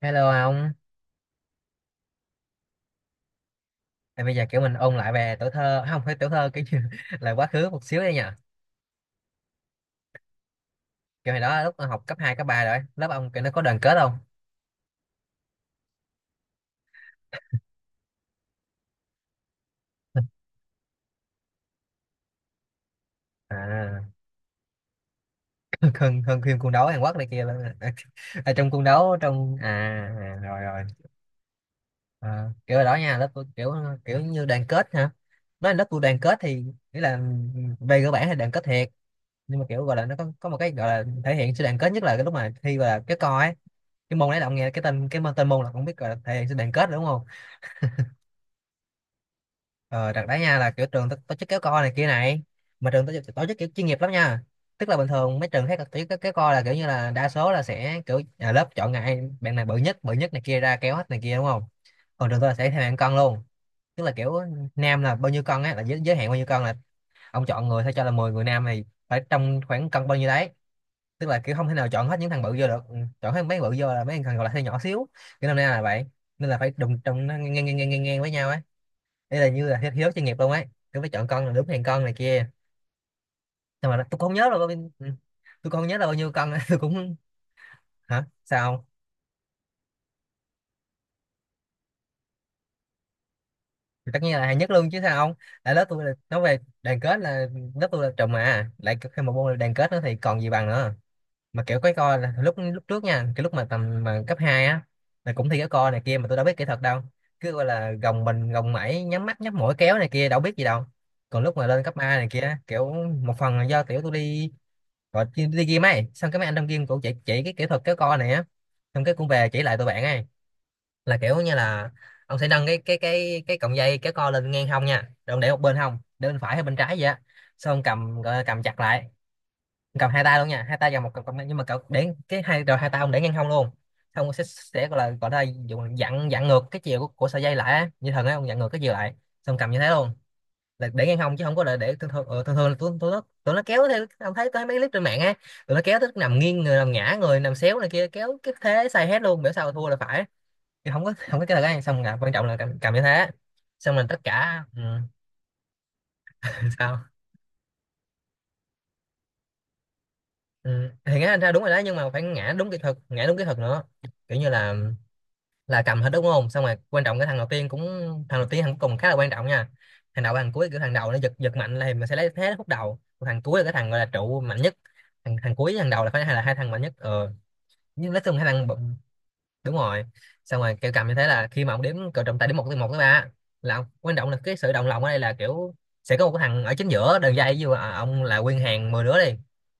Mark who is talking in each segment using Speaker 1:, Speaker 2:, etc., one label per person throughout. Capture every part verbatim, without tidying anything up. Speaker 1: Hello ông, à, bây giờ kiểu mình ôn lại về tuổi thơ, không phải tuổi thơ kiểu như là quá khứ một xíu đây nha. Kiểu hồi đó lúc học cấp hai cấp ba rồi, lớp ông kiểu nó có đoàn kết không? À, hơn hơn phim cung đấu Hàn Quốc này kia luôn. À, à, trong cung đấu trong à, à rồi rồi. À, kiểu hồi đó nha, lớp tôi kiểu kiểu như đoàn kết hả? Nói là lớp tôi đoàn kết thì nghĩa là ừ, về cơ bản thì đoàn kết thiệt, nhưng mà kiểu gọi là nó có có một cái gọi là thể hiện sự đoàn kết nhất là cái lúc mà thi và cái co ấy. Cái môn đấy là ông nghe cái tên cái tên môn là cũng biết gọi là thể hiện sự đoàn kết rồi đúng không? Ờ, đợt đấy nha là kiểu trường tổ tổ chức kéo co này kia này, mà trường tổ chức tổ chức kiểu chuyên nghiệp lắm nha. Tức là bình thường mấy trường khác tổ chức kéo co là kiểu như là đa số là sẽ kiểu nhà lớp chọn ngại bạn này bự nhất bự nhất này kia ra kéo hết này kia đúng không, còn trường tôi là sẽ theo hạng cân luôn. Tức là kiểu nam là bao nhiêu cân á là giới, giới hạn bao nhiêu cân là ông chọn người thôi, cho là mười người nam này phải trong khoảng cân bao nhiêu đấy, tức là kiểu không thể nào chọn hết những thằng bự vô được. Ừ, chọn hết mấy bự vô là mấy thằng còn lại hơi nhỏ xíu, cái năm nay là vậy, nên là phải đụng trong nó ngang ngang ngang ngang ngang với nhau ấy. Đây là như là hiếu, hiếu chuyên nghiệp luôn ấy, tôi phải chọn con là đúng hàng con này kia, nhưng mà nó- tôi cũng không nhớ là bao nhiêu. Ừ, tôi không nhớ là bao nhiêu con tôi cũng hả sao không. Thì tất nhiên là hàng nhất luôn chứ sao không, tại lớp tôi là nói về đoàn kết là lớp tôi là trùm, mà lại thêm một môn là đoàn kết nữa thì còn gì bằng nữa. Mà kiểu cái co là lúc lúc trước nha, cái lúc mà tầm mà cấp hai á là cũng thi cái co này kia, mà tôi đâu biết kỹ thuật đâu, cứ gọi là gồng mình gồng mẩy, nhắm mắt nhắm mũi kéo này kia, đâu biết gì đâu. Còn lúc mà lên cấp ba này kia kiểu một phần là do kiểu tôi đi, gọi đi, đi gym ấy, xong cái mấy anh trong gym cũng chỉ chỉ cái kỹ thuật kéo co này á, xong cái cũng về chỉ lại tụi bạn ấy, là kiểu như là ông sẽ nâng cái cái cái cái cọng dây kéo co lên ngang hông nha, rồi ông để một bên hông, để bên phải hay bên trái vậy á, xong cầm gọi là cầm chặt lại. Cầm hai tay luôn nha, hai tay vào một cọng cọng- nhưng mà cậu để cái hai rồi, hai tay ông để ngang hông luôn. Xong ông sẽ sẽ gọi là gọi là dùng dặn dặn ngược cái chiều của, của sợi dây lại á, như thần ấy, ông dặn ngược cái chiều lại, xong cầm như thế luôn, là để ngang hông chứ không có là để thường thường. Ờ, thường thường là tụi tụi nó tụi nó kéo theo, ông thấy tôi thấy mấy clip trên mạng á, tụi nó kéo tới nằm nghiêng người, nằm ngã người, nằm xéo này kia, kéo cái thế sai hết luôn, biểu sao thua là phải. Thì không có không có cái là xong là quan trọng là cầm, cầm như thế, xong là tất cả. Ừ, sao. ừ, thì ngã ra đúng rồi đó, nhưng mà phải ngã đúng kỹ thuật, ngã đúng kỹ thuật nữa, kiểu như là là cầm hết đúng không, xong rồi quan trọng cái thằng đầu tiên cũng, thằng đầu tiên thằng cuối cùng khá là quan trọng nha. Thằng đầu thằng cuối kiểu thằng đầu nó giật giật mạnh là thì mình sẽ lấy thế khúc đầu. Còn thằng cuối là cái thằng gọi là trụ mạnh nhất. Thằng thằng cuối với thằng đầu là phải là hai thằng mạnh nhất. ờ, nhưng nói chung hai thằng, đúng rồi, xong rồi kêu cầm như thế là khi mà ông đếm cờ, trọng tài đếm một, từ một tới ba, là ông, quan trọng là cái sự đồng lòng ở đây là kiểu sẽ có một cái thằng ở chính giữa đường dây, ví dụ à, ông là nguyên hàng mười đứa đi,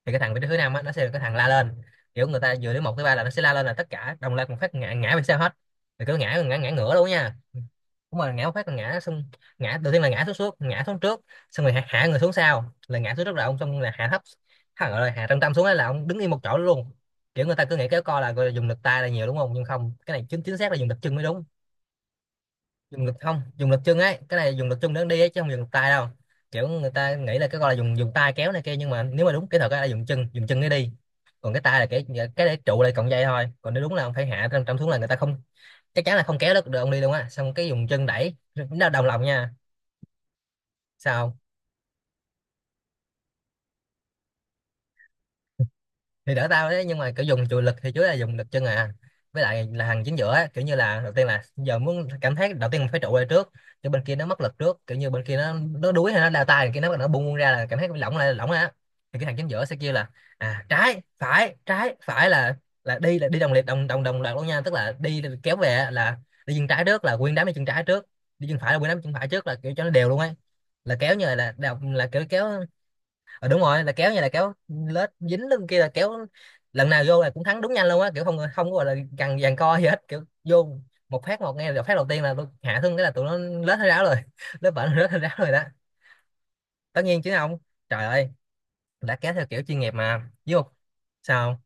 Speaker 1: thì cái thằng vị trí thứ năm á nó sẽ là cái thằng la lên. Kiểu người ta vừa đếm một tới ba là nó sẽ la lên là tất cả đồng loạt một phát ngã, ngã về sau hết, thì cứ ngã ngã ngã ngửa luôn nha. Đúng rồi, ngã một phát là ngã xong, ngã đầu tiên là ngã xuống, xuống ngã xuống trước, xong rồi hạ, hạ người xuống sau, là ngã xuống trước là ông xong là hạ thấp, hạ, gọi là hạ trọng tâm xuống ấy, là ông đứng yên một chỗ luôn. Kiểu người ta cứ nghĩ kéo co là gọi là dùng lực tay là nhiều đúng không, nhưng không, cái này chính chính xác là dùng lực chân mới đúng. Dùng lực không, dùng lực chân ấy, cái này dùng lực chân để đi ấy, chứ không dùng lực tay đâu. Kiểu người ta nghĩ là cái gọi là dùng dùng tay kéo này kia, nhưng mà nếu mà đúng kỹ thuật ấy là dùng chân, dùng chân để đi. Còn cái tay là cái cái để trụ lại cọng dây thôi, còn nếu đúng là ông phải hạ trong trong xuống là người ta không chắc chắn là không kéo được, được ông đi luôn á, xong cái dùng chân đẩy, nó đồng lòng nha. Sao? Thì đỡ tao đấy, nhưng mà kiểu dùng chùi lực thì chủ yếu là dùng lực chân. À, với lại là hàng chính giữa á, kiểu như là đầu tiên là giờ muốn cảm thấy đầu tiên mình phải trụ lại trước, cho bên kia nó mất lực trước, kiểu như bên kia nó nó đuối hay nó đau tay kia, nó nó buông ra là cảm thấy lỏng lại lỏng á, thì cái hàng chính giữa sẽ kêu là à trái phải trái phải, là là đi là đi đồng liệt đồng đồng đồng loạt luôn nha. Tức là đi kéo về là đi chân trái trước là nguyên đám đi chân trái trước, đi chân phải là nguyên đám chân phải trước, là kiểu cho nó đều luôn ấy, là kéo như là là, là kiểu kéo. Ờ, đúng rồi, là kéo như là kéo lết dính lên kia là kéo, lần nào vô là cũng thắng đúng nhanh luôn á, kiểu không không có gọi là gằn giằng co gì hết, kiểu vô một phát một nghe được, phát đầu tiên là tôi hạ thương cái là tụi nó lết hết ráo rồi lết bệnh lết hết ráo rồi đó. Tất nhiên chứ không, trời ơi, đã kéo theo kiểu chuyên nghiệp mà với một, sao không?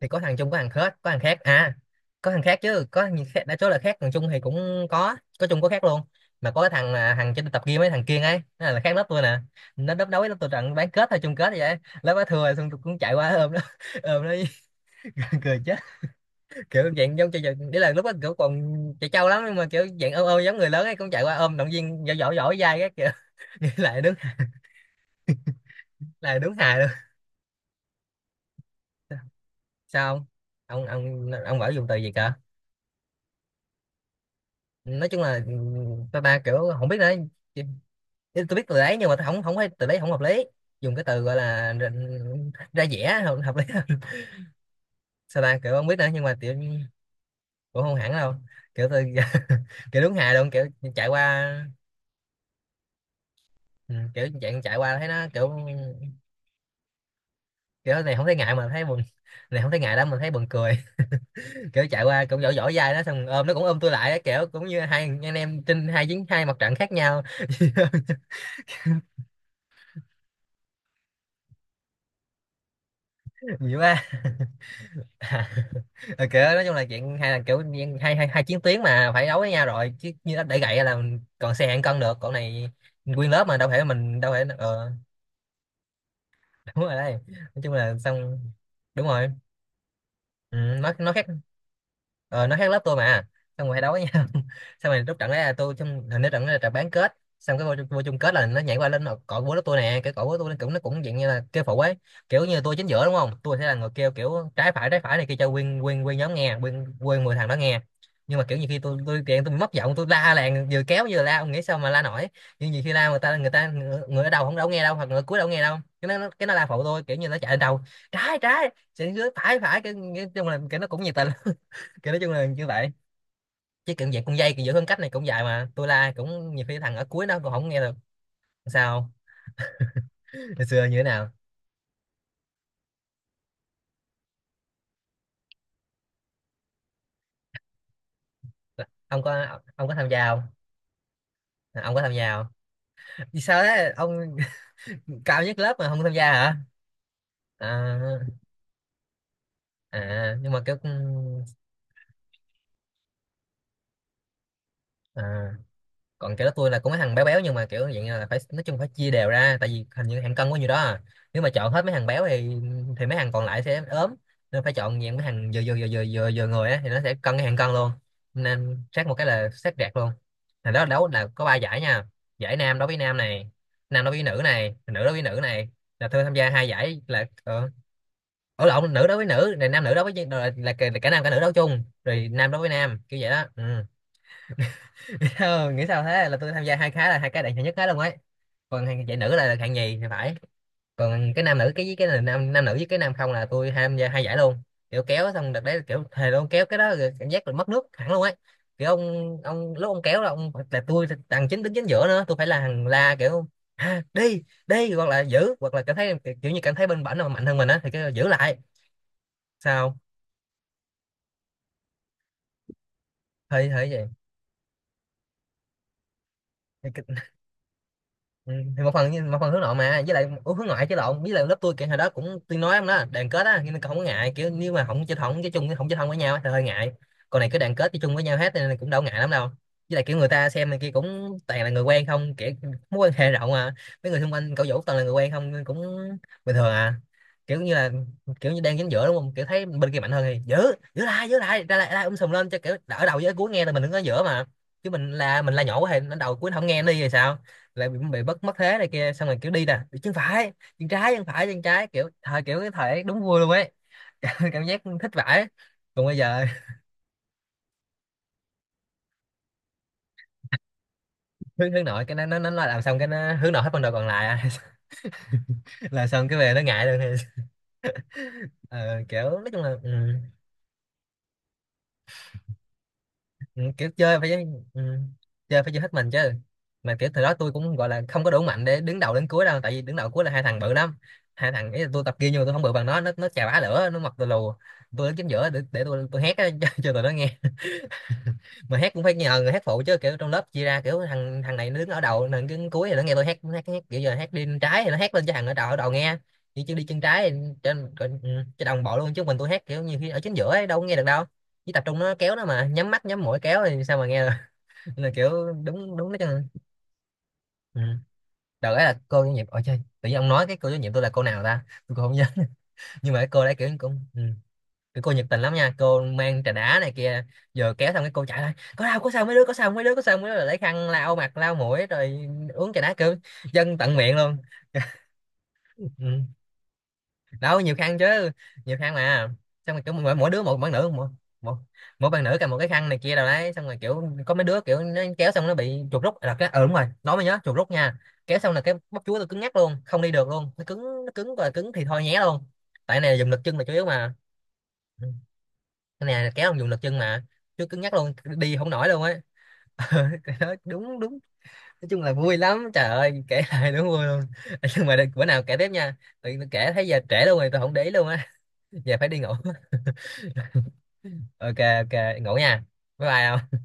Speaker 1: Thì có thằng chung có thằng khác, có thằng khác à có thằng khác chứ, có thằng khác đã chốt là khác, thằng chung thì cũng có có chung có khác luôn. Mà có cái thằng là thằng trên tập gym mấy thằng kia ấy, nó là khác lớp tôi nè, nó đớp đấu với lớp tôi trận bán kết hay chung kết vậy ấy. Lớp nó thua rồi, xong tôi cũng chạy qua ôm nó, ôm nó cười chết, kiểu dạng giống chơi đấy, là lúc đó kiểu còn chạy trâu lắm, nhưng mà kiểu dạng ôm ôm giống người lớn ấy, cũng chạy qua ôm động viên dỗ dỗ dỗ dai các kiểu nghĩ lại đứng lại đứng hài luôn. Sao không? ông ông ông bảo dùng từ gì cả. Nói chung là ừ, ba ba kiểu không biết nữa. Thế tôi biết từ đấy nhưng mà tôi không không thấy từ đấy không hợp lý. Dùng cái từ gọi là ra, ra vẻ hợp, hợp lý hơn. Sao ta, kiểu không biết nữa nhưng mà kiểu cũng không hẳn đâu, kiểu tôi kiểu đúng hài luôn. Kiểu chạy qua, ừ, kiểu chạy chạy qua thấy nó kiểu, kiểu này không thấy ngại mà thấy buồn. Này không thấy ngại đâu mà thấy buồn cười. Kiểu chạy qua cũng vỗ vỗ vai nó xong ôm nó cũng ôm tôi lại á, kiểu cũng như hai anh em trên hai chiến hai mặt trận khác nhau. Nhiều. À, ờ, kiểu nói chung là chuyện hay, là kiểu như hai hai hai chiến tuyến mà phải đấu với nhau rồi, chứ như nó để gậy là mình còn xe hạng cân được. Còn này nguyên lớp mà đâu thể, mình đâu thể ờ. Đúng rồi đấy, nói chung là xong. Đúng rồi, ừ, nó nó khác. Ờ, nó khác lớp tôi mà. Xong rồi hay đấu với nhau. Xong rồi lúc trận đấy là tôi trong, hình như trận đấy là trận bán kết. Xong cái vô, vô chung kết là nó nhảy qua lên, nó cọ búa lớp tôi nè. Cái cọ búa tôi, nó cũng, nó cũng dạng như là kêu phụ ấy. Kiểu như tôi chính giữa đúng không, tôi sẽ là người kêu kiểu trái phải, trái phải này kia cho nguyên nguyên nguyên nhóm nghe, nguyên nguyên mười thằng đó nghe. Nhưng mà kiểu như khi tôi tôi kiện, tôi mất giọng, tôi la làng, vừa kéo vừa la, ông nghĩ sao mà la nổi. Nhưng nhiều khi la, người ta người ta người, người ở đầu không đâu nghe đâu, hoặc người ở cuối đâu nghe đâu, cái nó nó- cái nó la phụ tôi, kiểu như nó chạy lên đầu. Trái trái sẽ dưới, phải phải cái, nói chung là cái nó cũng nhiệt tình. Cái nói chung là như vậy. Chứ kiểu dạng con dây kiểu giữ khoảng cách này cũng dài mà tôi la cũng nhiều khi thằng ở cuối nó còn không nghe được. Sao? Hồi xưa như thế nào? Ông có, ông có tham gia không? À, ông có tham gia không? Vì sao thế ông? Cao nhất lớp mà không tham gia hả? À, à nhưng mà kiểu à, còn kiểu đó tôi là cũng mấy thằng béo béo nhưng mà kiểu dạng như là phải, nói chung phải chia đều ra, tại vì hình như hàng cân có nhiều đó à. Nếu mà chọn hết mấy thằng béo thì thì mấy thằng còn lại sẽ ốm. Nên phải chọn dạng mấy thằng vừa vừa vừa vừa vừa vừa người á thì nó sẽ cân cái hàng cân luôn. Nên xét một cái là xét rẹt luôn. Thì đó, đấu là có ba giải nha. Giải nam đối với nam này, nam đối với nữ này, nữ đối với nữ này. Là tôi tham gia hai giải là ờ, ở lộn, nữ đối với nữ này, nam nữ đối với là, là, cả- là cả nam cả nữ đấu chung, rồi nam đối với nam, kiểu vậy đó ừ. Ờ, nghĩ sao thế. Là tôi tham gia hai cái là hai cái đạt hạng nhất hết luôn ấy. Còn hạng giải nữ là được hạng nhì thì phải. Còn cái nam nữ cái với cái là nam, nam nữ với cái nam không, là tôi tham gia hai giải luôn. Kiểu kéo xong đợt đấy kiểu thề luôn, kéo cái đó rồi cảm giác là mất nước hẳn luôn ấy. Kiểu ông ông lúc ông kéo là ông, là tôi thằng chính đứng chính giữa nữa, tôi phải là thằng la kiểu à, đi đi, hoặc là giữ, hoặc là cảm thấy, kiểu như cảm thấy bên bển mà mạnh hơn mình á thì cái giữ lại. Sao? Hơi hơi vậy. Ừ, thì một phần như- một phần hướng nội mà, với lại ủa, hướng ngoại chứ lộn, với lại lớp tôi kiểu hồi đó cũng, tôi nói ông đó, đoàn kết á, nhưng mà không có ngại kiểu, nếu mà không chơi không chơi chung, không chơi thân với nhau á thì hơi ngại. Còn này cứ đoàn kết chơi chung với nhau hết nên cũng đâu ngại lắm đâu. Với lại kiểu người ta xem này kia cũng toàn là người quen không, kiểu mối quan hệ rộng mà, mấy người xung quanh cậu Vũ toàn là người quen không nên cũng bình thường à. Kiểu như là, kiểu như đang dính giữa đúng không, kiểu thấy bên kia mạnh hơn thì giữ, giữ lại giữ lại ra lại ra lại, um sùm lên cho kiểu đỡ, đầu với cuối nghe, là mình đứng ở giữa mà. Chứ mình là, mình là nhỏ quá thì nó đầu cuối nó không nghe, nó đi rồi sao. Lại bị, bị bất mất thế này kia, xong rồi kiểu đi nè, bị chân phải, chân trái, chân phải, chân trái, kiểu thời, kiểu cái thời ấy đúng vui luôn ấy. Cảm giác thích vãi. Còn bây giờ hướng hướng nội, cái nó nó nó làm xong cái nó hướng nội hết phần đời còn lại à. Là xong cái về nó ngại luôn thì ờ, kiểu nói chung là ừ, ừ, kiểu chơi phải, ừ, chơi phải chơi hết mình chứ. Mà kiểu thời đó tôi cũng gọi là không có đủ mạnh để đứng đầu đến cuối đâu, tại vì đứng đầu cuối là hai thằng bự lắm. Hai thằng ấy tôi tập kia nhưng mà tôi không bự bằng nó, nó nó chà bá lửa, nó mặc tôi lù. Tôi đứng chính giữa để, để tôi tôi hét á, cho, cho tụi nó nghe. Mà hát cũng phải nhờ người hát phụ, chứ kiểu trong lớp chia ra kiểu thằng thằng này nó đứng ở đầu, thằng đứng cuối thì nó nghe tôi hát, nó hát, hát kiểu giờ hát đi bên trái thì nó hát lên cho thằng ở đầu ở đầu nghe. Đi chân, đi chân trái thì trên trên- ừ, cho đồng bộ luôn, chứ mình tôi hát kiểu nhiều khi ở chính giữa ấy, đâu có nghe được đâu. Chỉ tập trung nó kéo, nó mà nhắm mắt nhắm mũi kéo thì sao mà nghe được. Nên là kiểu đúng đúng nó chứ. Ừ. Đợt ấy là cô giáo nhiệm ở chơi, tự nhiên ông nói cái cô giáo nhiệm tôi là cô nào ta, tôi cũng không nhớ. Nhưng mà cái cô đấy kiểu cũng ừ, cái cô nhiệt tình lắm nha, cô mang trà đá này kia. Giờ kéo xong cái cô chạy lại, có đau có sao mấy đứa, có sao mấy đứa, có sao mấy đứa, rồi lấy khăn lau mặt lau mũi, rồi uống trà đá kiểu dân tận miệng luôn. Ừ. Đâu nhiều khăn chứ, nhiều khăn mà. Xong rồi kiểu mỗi, mỗi đứa một bạn nữ, mỗi, mỗi, mỗi bạn nữ cầm một cái khăn này kia đâu đấy. Xong rồi kiểu có mấy đứa kiểu nó kéo xong nó bị chuột rút là cái ờ đúng rồi, nói mới nhớ chuột rút nha. Kéo xong là cái bắp chuối tôi cứng ngắc luôn, không đi được luôn, nó cứng, nó cứng và cứng thì thôi nhé luôn. Tại này dùng lực chân là chủ yếu mà. Ừ. Cái này là kéo không dùng lực chân mà. Chứ cứng nhắc luôn, đi không nổi luôn á. Cái đó đúng đúng. Nói chung là vui lắm trời ơi, kể lại đúng vui luôn. Nhưng mà đừng- bữa nào kể tiếp nha. Tự nhiên tôi kể thấy giờ trễ luôn rồi, tôi không để ý luôn á. Giờ phải đi ngủ. Ok ok, ngủ nha. Bye bye.